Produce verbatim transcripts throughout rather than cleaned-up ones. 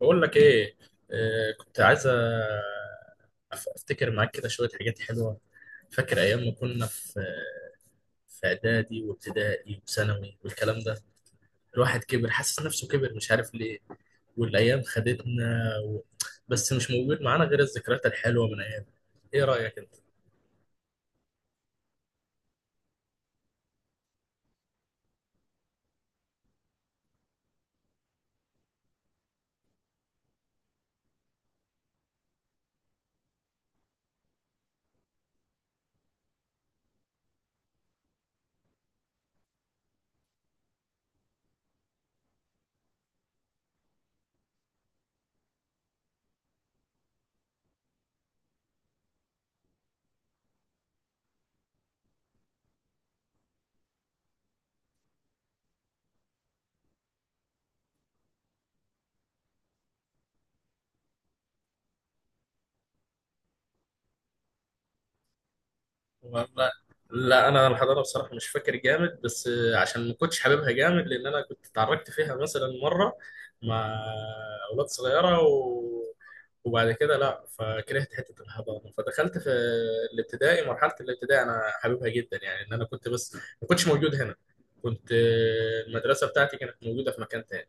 بقول لك ايه. آه، كنت عايز أف- افتكر معاك كده شويه حاجات حلوه. فاكر ايام ما كنا في في اعدادي وابتدائي وثانوي والكلام ده. الواحد كبر، حاسس نفسه كبر مش عارف ليه، والايام خدتنا و... بس مش موجود معانا غير الذكريات الحلوه من ايام. ايه رايك انت؟ والله، لا انا الحضاره بصراحه مش فاكر جامد، بس عشان ما كنتش حاببها جامد، لان انا كنت اتعرضت فيها مثلا مره، مع اولاد صغيره و... وبعد كده لا فكرهت حته الحضانه، فدخلت في الابتدائي. مرحله الابتدائي انا حاببها جدا، يعني ان انا كنت، بس ما كنتش موجود هنا. كنت المدرسه بتاعتي كانت موجوده في مكان تاني،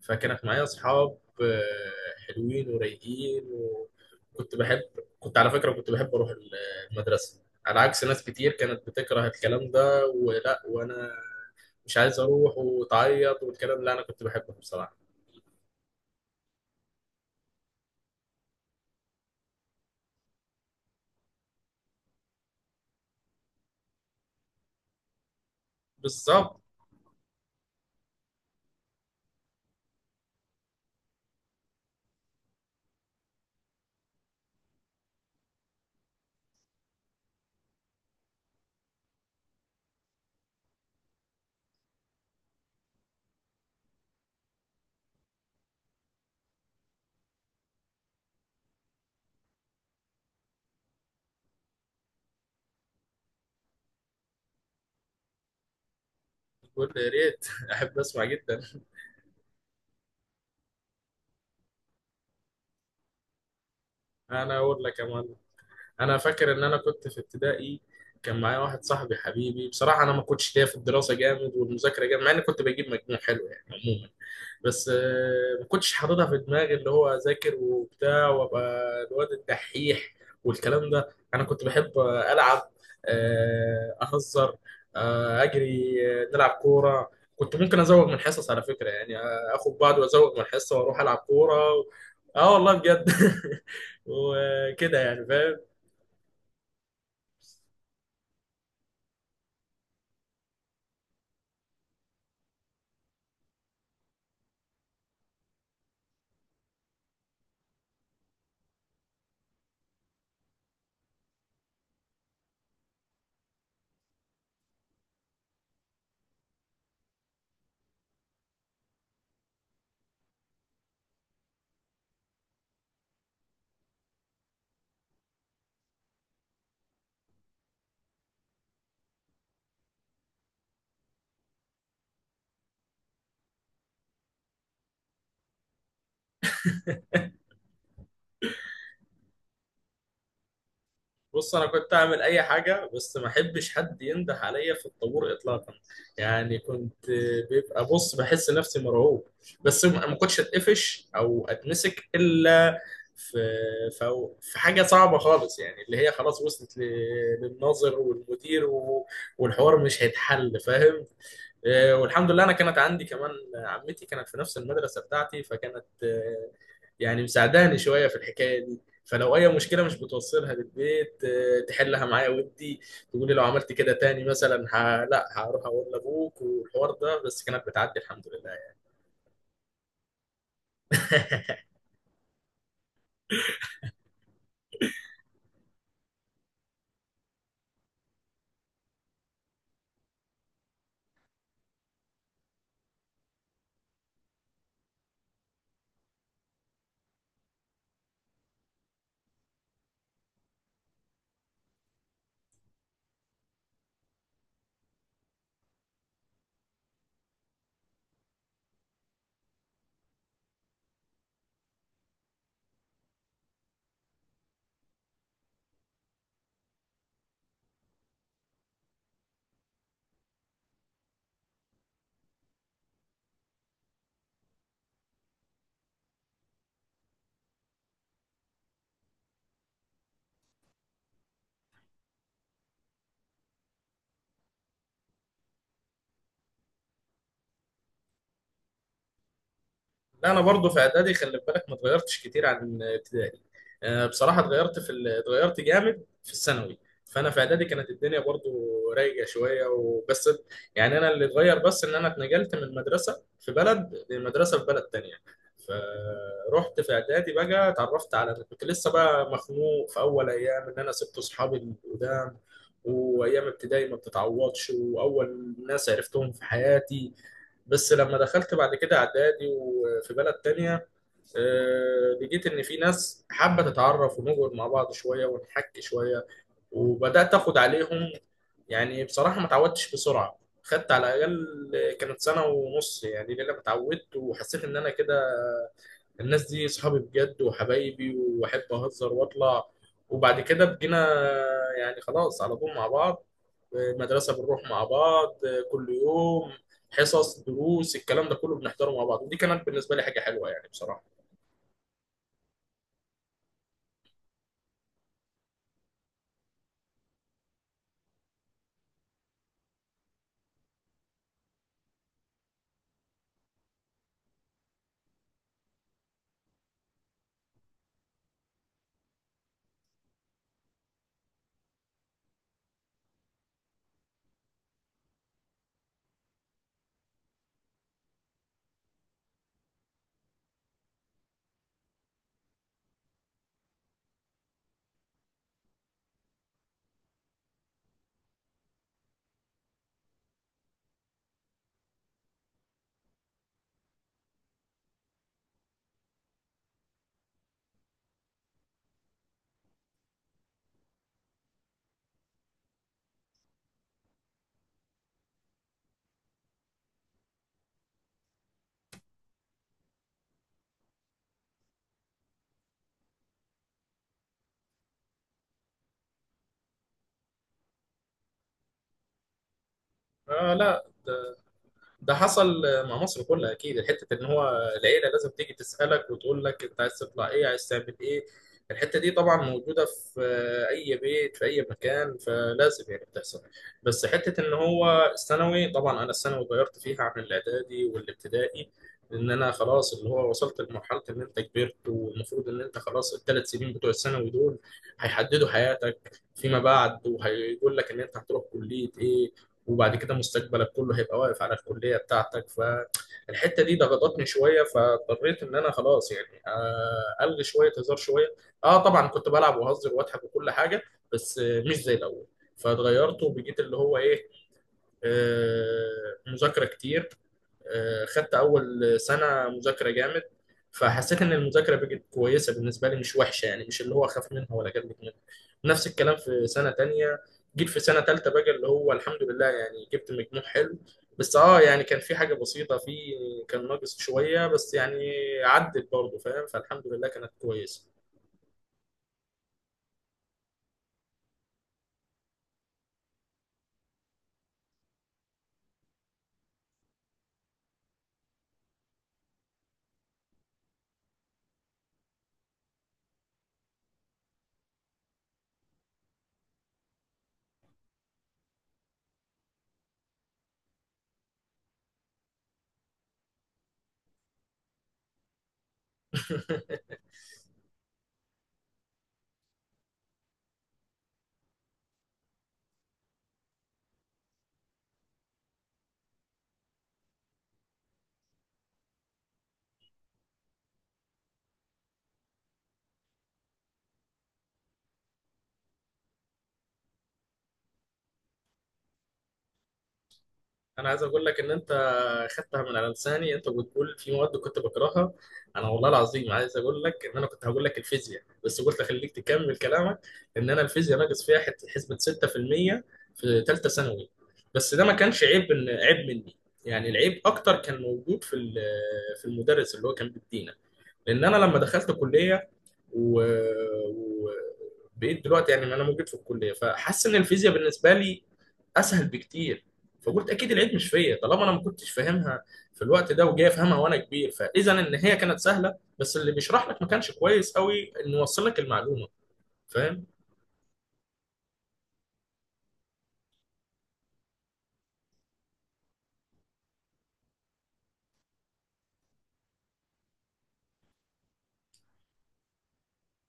فكانت معايا اصحاب آه، حلوين ورايقين. وكنت بحب كنت على فكره كنت بحب اروح المدرسه، على عكس ناس كتير كانت بتكره الكلام ده، ولا وانا مش عايز اروح وتعيط والكلام ده. انا كنت بحبه بصراحه. بالظبط. بقول يا ريت احب اسمع جدا. انا اقول لك يا معلم، انا فاكر ان انا كنت في ابتدائي كان معايا واحد صاحبي حبيبي. بصراحه انا ما كنتش ليا في الدراسه جامد والمذاكره جامد، مع اني كنت بجيب مجموع حلو يعني عموما. بس آه، ما كنتش حاططها في دماغي اللي هو اذاكر وبتاع وابقى الواد الدحيح والكلام ده. انا كنت بحب آه، العب، آه، اهزر، آه، اجري، آه، نلعب كوره. كنت ممكن ازوغ من الحصص على فكره، يعني آه، اخد بعض وازوغ من الحصه واروح العب كوره و... اه والله بجد. وكده يعني فاهم. بص، انا كنت اعمل اي حاجه بس ما احبش حد ينده عليا في الطابور اطلاقا. يعني كنت بيبقى بص بحس نفسي مرعوب. بس ما ما كنتش اتقفش او اتمسك، الا في في في حاجه صعبه خالص، يعني اللي هي خلاص وصلت ل- للناظر والمدير و- والحوار مش هيتحل فاهم. آه، والحمد لله انا كانت عندي كمان آه، عمتي، كانت في نفس المدرسه بتاعتي، فكانت آه، يعني مساعداني شويه في الحكايه دي. فلو اي مشكله مش بتوصلها للبيت، آه، تحلها معايا، ودي تقول لي لو عملت كده تاني مثلا، ه... لا هروح اقول لابوك والحوار ده، بس كانت بتعدي الحمد لله. يعني لا انا برضو في اعدادي خلي بالك ما اتغيرتش كتير عن ابتدائي. آه، بصراحه اتغيرت في ال- اتغيرت جامد في الثانوي. فانا في اعدادي كانت الدنيا برضو رايقه شويه وبس. يعني انا اللي اتغير بس ان انا اتنقلت من مدرسه في بلد لمدرسه في بلد تانية. فروحت في اعدادي بقى اتعرفت على، كنت لسه بقى مخنوق في اول ايام ان انا سبت اصحابي القدام، وايام ابتدائي ما بتتعوضش، واول ناس عرفتهم في حياتي. بس لما دخلت بعد كده اعدادي وفي بلد تانية، آه، لقيت ان في ناس حابة تتعرف ونقعد مع بعض شوية ونحكي شوية، وبدأت اخد عليهم. يعني بصراحة ما تعودتش بسرعة، خدت على الأقل كانت سنة ونص، يعني لأن أنا اتعودت وحسيت إن أنا كده الناس دي اصحابي بجد وحبايبي واحب اهزر واطلع. وبعد كده بقينا يعني خلاص على طول مع بعض. مدرسة بنروح مع بعض كل يوم، حصص دروس الكلام ده كله بنحضره مع بعض. ودي كانت بالنسبة لي حاجة حلوة يعني بصراحة. آه لا، ده حصل مع مصر كلها اكيد. الحته ان هو العيله لازم تيجي تسالك وتقول لك انت عايز تطلع ايه، عايز تعمل ايه. الحته دي طبعا موجوده في اي بيت في اي مكان، فلازم يعني بتحصل. بس حته ان هو الثانوي طبعا، انا الثانوي غيرت فيها عن الاعدادي والابتدائي. ان انا خلاص اللي هو وصلت لمرحله ان انت كبرت، والمفروض ان انت خلاص الثلاث سنين بتوع الثانوي دول هيحددوا حياتك فيما بعد، وهيقول لك ان انت هتروح كليه ايه، وبعد كده مستقبلك كله هيبقى واقف على الكلية بتاعتك. فالحتة دي ضغطتني شوية، فاضطريت ان انا خلاص يعني آه، الغي شوية هزار شوية. اه طبعا كنت بلعب وهزر واضحك وكل حاجة، بس آه، مش زي الاول. فاتغيرت وبقيت اللي هو ايه، آه، مذاكرة كتير. آه، خدت اول سنه مذاكره جامد، فحسيت ان المذاكره بقت كويسه بالنسبه لي، مش وحشه، يعني مش اللي هو اخاف منها ولا جنبت منها. نفس الكلام في سنه تانية. جيت في سنه تالتة بقى اللي هو الحمد لله يعني جبت مجموع حلو. بس اه يعني كان في حاجه بسيطه في، كان ناقص شويه بس يعني عدت برضه فاهم، فالحمد لله كانت كويسه. انا عايز اقول لك ان انت خدتها من على لساني، انت بتقول في مواد كنت بكرهها. انا والله العظيم عايز اقول لك ان انا كنت هقول لك الفيزياء، بس قلت اخليك تكمل كلامك. ان انا الفيزياء ناقص فيها حت- حسبة ستة في المية في المية في ثالثه ثانوي. بس ده ما كانش عيب إن عيب مني. يعني العيب اكتر كان موجود في ال- في المدرس اللي هو كان بيدينا. لان انا لما دخلت كليه و... و... بقيت دلوقتي يعني انا موجود في الكليه، فحاسس ان الفيزياء بالنسبه لي اسهل بكتير. فقلت اكيد العيب مش فيا، طالما انا ما كنتش فاهمها في الوقت ده، وجاي افهمها وانا كبير، فاذا ان هي كانت سهله. بس اللي بيشرح لك ما كانش كويس قوي انه يوصل لك المعلومه فاهم.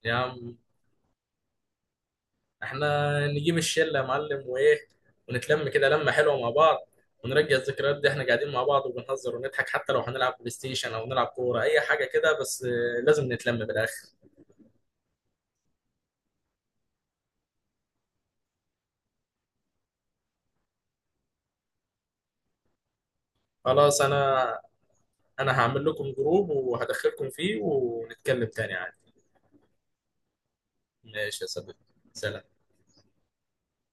يا عم احنا نجيب الشله يا معلم، وايه ونتلم كده لمه حلوه مع بعض، ونرجع الذكريات دي احنا قاعدين مع بعض وبنهزر ونضحك، حتى لو هنلعب بلاي ستيشن او نلعب كوره اي حاجه كده، بس آه، لازم نتلم بالاخر. خلاص، انا انا هعمل لكم جروب وهدخلكم فيه ونتكلم تاني. ماشي يا صديقي، سلام.